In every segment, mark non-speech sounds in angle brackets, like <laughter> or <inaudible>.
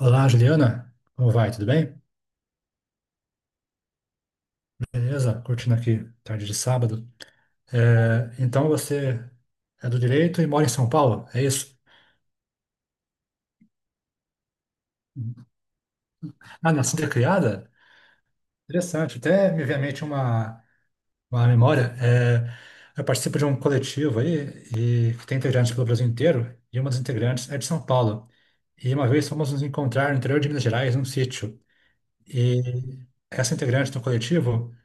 Olá, Juliana. Como vai? Tudo bem? Beleza? Curtindo aqui, tarde de sábado. Então você é do direito e mora em São Paulo, é isso? Ah, nascida e criada? Interessante. Até me vem à mente uma memória. Eu participo de um coletivo aí e que tem integrantes pelo Brasil inteiro, e uma das integrantes é de São Paulo. E uma vez fomos nos encontrar no interior de Minas Gerais, num sítio. E essa integrante do coletivo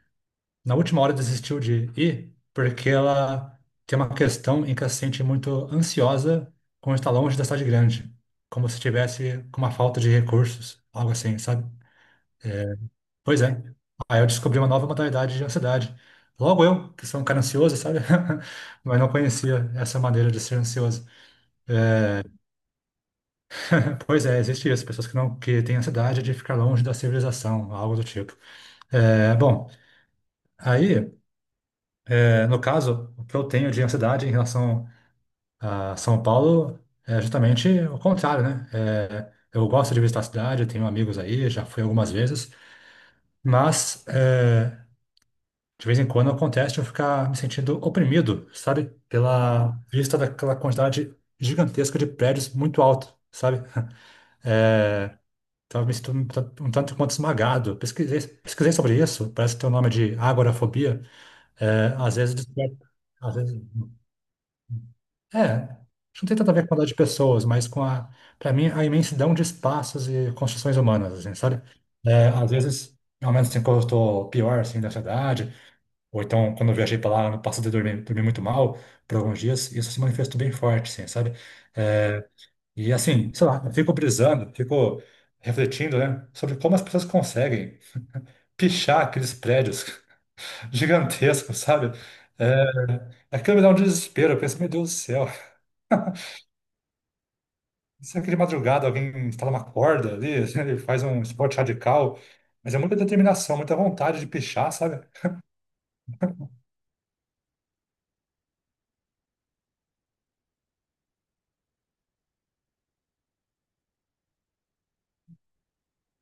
na última hora desistiu de ir porque ela tem uma questão em que ela se sente muito ansiosa quando está longe da cidade grande, como se tivesse com uma falta de recursos, algo assim, sabe? É, pois é. Aí eu descobri uma nova modalidade de ansiedade. Logo eu, que sou um cara ansioso, sabe? <laughs> Mas não conhecia essa maneira de ser ansioso. <laughs> Pois é, existe isso. Pessoas que não que têm ansiedade de ficar longe da civilização, algo do tipo. Bom, aí, no caso, o que eu tenho de ansiedade em relação a São Paulo é justamente o contrário, né? Eu gosto de visitar a cidade, eu tenho amigos aí, já fui algumas vezes, mas de vez em quando acontece de eu ficar me sentindo oprimido, sabe? Pela vista daquela quantidade gigantesca de prédios muito alto, sabe? <laughs> É, então eu me sinto um tanto quanto esmagado. Pesquisei sobre isso, parece que tem o nome de agorafobia. É, às vezes, às vezes, é, isso não tem tanto a ver com a quantidade de pessoas, mas com para mim, a imensidão de espaços e construções humanas, assim, sabe? É, às vezes, ao menos assim, quando eu estou pior, assim, da ansiedade, ou então quando eu viajei para lá no passado e dormi muito mal por alguns dias, isso se manifestou bem forte, assim, sabe? É, e assim, sei lá, eu fico brisando, fico refletindo, né, sobre como as pessoas conseguem pichar aqueles prédios <laughs> gigantescos, sabe? É, aquilo me dá um desespero, eu penso, meu Deus do céu. <laughs> Sempre de madrugada alguém instala uma corda ali, <laughs> ele faz um esporte radical, mas é muita determinação, muita vontade de pichar, sabe?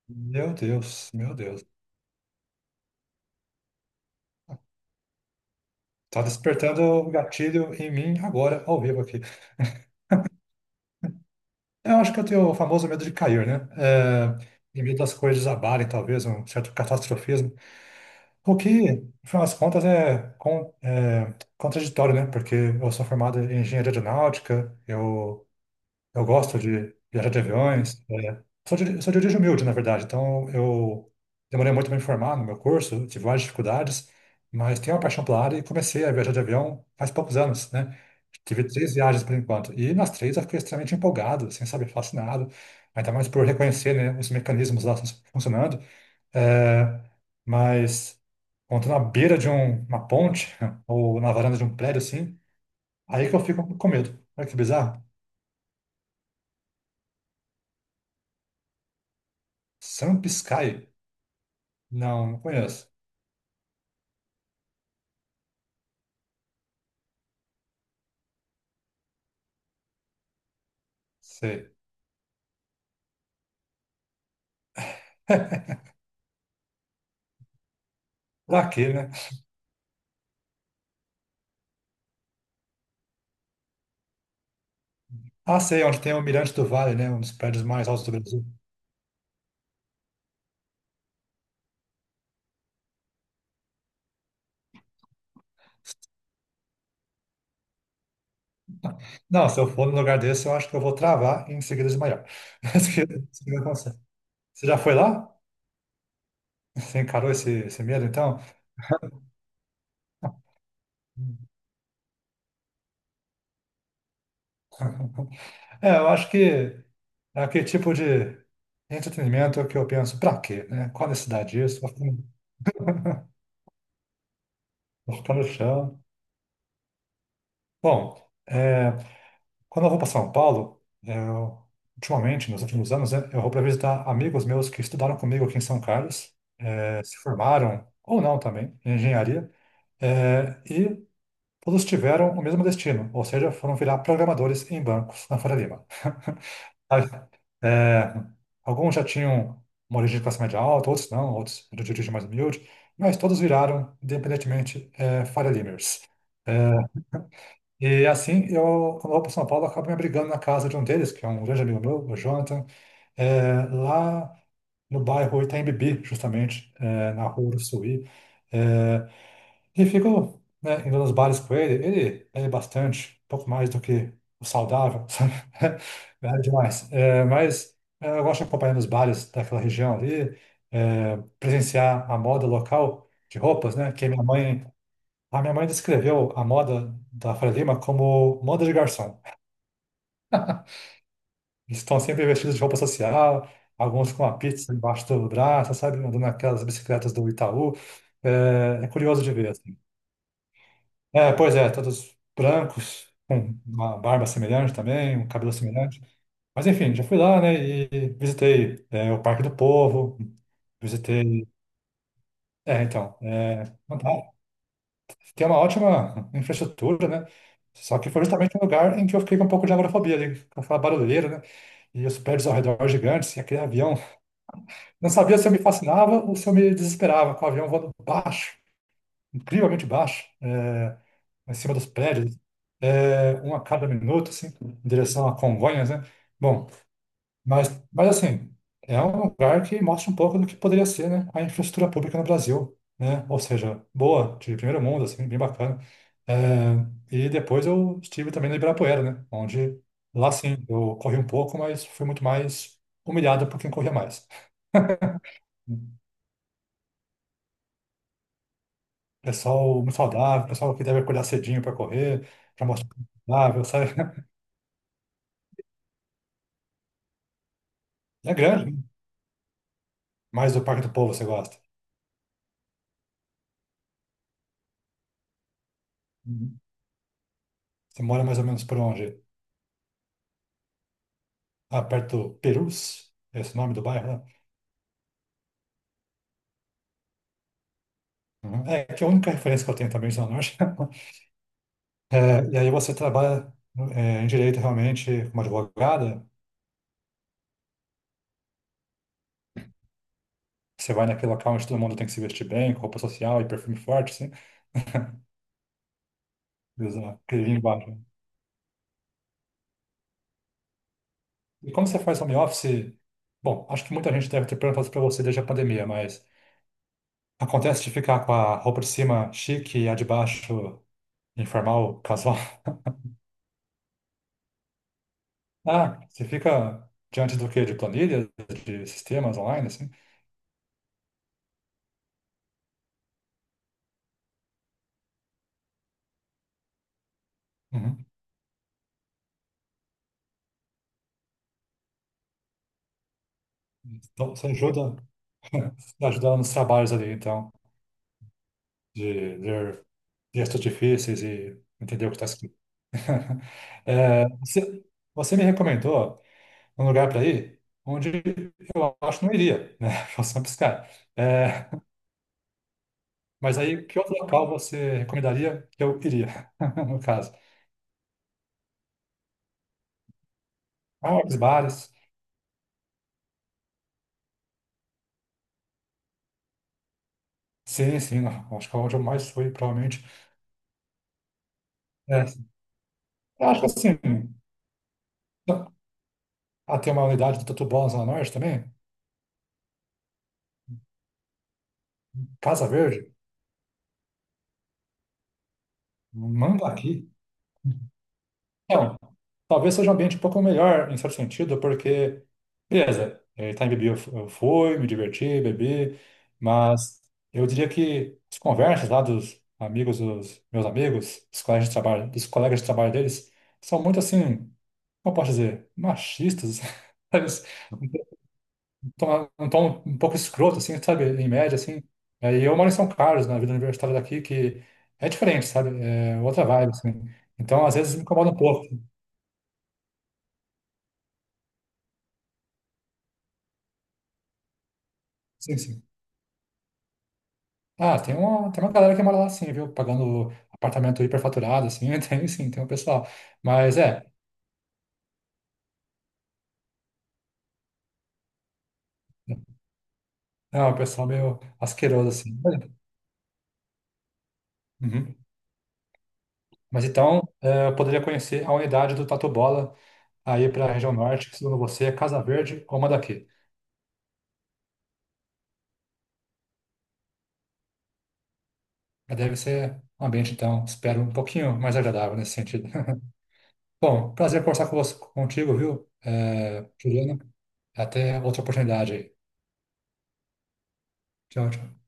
Meu Deus, meu Deus. Tá despertando o gatilho em mim agora, ao vivo aqui. Eu acho que eu tenho o famoso medo de cair, né? É, e medo das coisas desabarem, talvez, um certo catastrofismo. O que, no final das contas, é, é contraditório, né? Porque eu sou formado em engenharia aeronáutica, eu gosto de viajar de aviões. É. Sou de origem humilde, na verdade. Então, eu demorei muito para me formar no meu curso, tive várias dificuldades, mas tenho uma paixão pela área e comecei a viajar de avião faz poucos anos, né? Tive três viagens por enquanto. E nas três eu fiquei extremamente empolgado, assim, sabe, fascinado. Ainda mais por reconhecer, né, os mecanismos lá funcionando. É, mas, quando na beira de uma ponte <laughs> ou na varanda de um prédio, assim, aí que eu fico com medo. Olha que bizarro. Sun Sky. Não, não conheço. Sei. <laughs> Pra quê, né? Ah, sei, onde tem o Mirante do Vale, né? Um dos prédios mais altos do Brasil. <laughs> Não, se eu for num lugar desse, eu acho que eu vou travar e em seguida desmaiar. <laughs> Mas isso não acontece. Você já foi lá? Você encarou esse medo, então? <laughs> É, eu acho que é aquele tipo de entretenimento que eu penso, pra quê, né? Qual a necessidade disso? Vou ficar no chão. Bom, é, quando eu vou para São Paulo, eu, ultimamente, nos últimos anos, né, eu vou para visitar amigos meus que estudaram comigo aqui em São Carlos, se formaram, ou não também, em engenharia, e todos tiveram o mesmo destino, ou seja, foram virar programadores em bancos na Faria Lima. <laughs> Sabe? É, alguns já tinham uma origem de classe média alta, outros não, outros de origem mais humilde, mas todos viraram, independentemente, é, Faria Limers. É, e assim, eu, quando eu vou para São Paulo, eu acabo me abrigando na casa de um deles, que é um grande amigo meu, o Jonathan, é, lá no bairro Itaim Bibi, justamente, é, na rua Uruçuí. É, e fico, né, indo nos bares com ele. Ele bebe bastante, um pouco mais do que o saudável, <laughs> sabe? Bebe demais. É, mas é, eu gosto de acompanhar nos bares daquela região ali, é, presenciar a moda local de roupas, né? Que minha mãe a minha mãe descreveu a moda da Faria Lima como moda de garçom. Eles estão sempre vestidos de roupa social, alguns com a pizza embaixo do braço, sabe? Andando naquelas bicicletas do Itaú. É, é curioso de ver, assim. É, pois é, todos brancos, com uma barba semelhante também, um cabelo semelhante. Mas enfim, já fui lá, né, e visitei, é, o Parque do Povo, visitei... É, então, é, fantástico. Tem uma ótima infraestrutura, né? Só que foi justamente um lugar em que eu fiquei com um pouco de agorafobia ali, com aquela barulheira, né? E os prédios ao redor gigantes, e aquele avião. Não sabia se eu me fascinava ou se eu me desesperava com o avião voando baixo, incrivelmente baixo, é, em cima dos prédios, é, um a cada minuto, assim, em direção a Congonhas, né? Bom. Mas assim, é um lugar que mostra um pouco do que poderia ser, né, a infraestrutura pública no Brasil, né? Ou seja, boa, de primeiro mundo, assim, bem bacana. É, e depois eu estive também no Ibirapuera, né? Onde lá sim, eu corri um pouco, mas fui muito mais humilhado por quem corria mais. Pessoal muito saudável, pessoal que deve acordar cedinho para correr, para mostrar que é saudável, sabe? <laughs> É grande, né? Mas do Parque do Povo você gosta. Uhum. Você mora mais ou menos por onde? Ah, perto do Perus, esse é nome do bairro, né? Uhum. É que a única referência que eu tenho também de Zona Norte. <laughs> É, e aí você trabalha é, em direito realmente como advogada, você vai naquele local onde todo mundo tem que se vestir bem, com roupa social e perfume forte, assim, <laughs> e usar aquele vinho embaixo. E como você faz home office, bom, acho que muita gente deve ter perguntado para você desde a pandemia, mas acontece de ficar com a roupa de cima chique e a de baixo informal, casual? <laughs> Ah, você fica diante do quê? De planilhas, de sistemas online, assim? Uhum. Então, você ajuda. <laughs> Ajudar nos trabalhos ali, então, de ler textos difíceis e entender o que está escrito. <laughs> É, você me recomendou um lugar para ir onde eu acho que não iria, né? <laughs> Eu sou um piscar. É, mas aí, que outro local você recomendaria que eu iria, <laughs> no caso? Ah, os bares. Sim, sim, não, acho que é onde eu mais fui, provavelmente. É, eu acho que assim, ah, tem uma unidade do Tatu Bolas lá no norte também, Casa Verde, manda aqui. Então, talvez seja um ambiente um pouco melhor, em certo sentido, porque, beleza, eh, tá em bebi eu eu fui, me diverti, bebi, mas eu diria que as conversas lá dos amigos dos meus amigos, dos colegas de trabalho, dos colegas de trabalho deles, são muito assim, como eu posso dizer, machistas, <laughs> sabe? Um um tom um pouco escroto, assim, sabe? Em média, assim. E eu moro em São Carlos, na vida universitária daqui, que é diferente, sabe? É outra vibe, assim. Então, às vezes me incomoda um pouco. Sim, sim. Ah, tem uma galera que mora lá sim, viu? Pagando apartamento hiperfaturado, assim, <laughs> tem sim, tem um pessoal. Mas é, não, o pessoal meio asqueroso, assim. Mas- uhum. Mas então, eh, eu poderia conhecer a unidade do Tatu Bola aí para a região norte, que segundo você é Casa Verde ou Mandaquê. Mas deve ser um ambiente, então, espero um pouquinho mais agradável nesse sentido. <laughs> Bom, prazer conversar com você, contigo, viu, eh, Juliana? Até outra oportunidade aí. Tchau, tchau.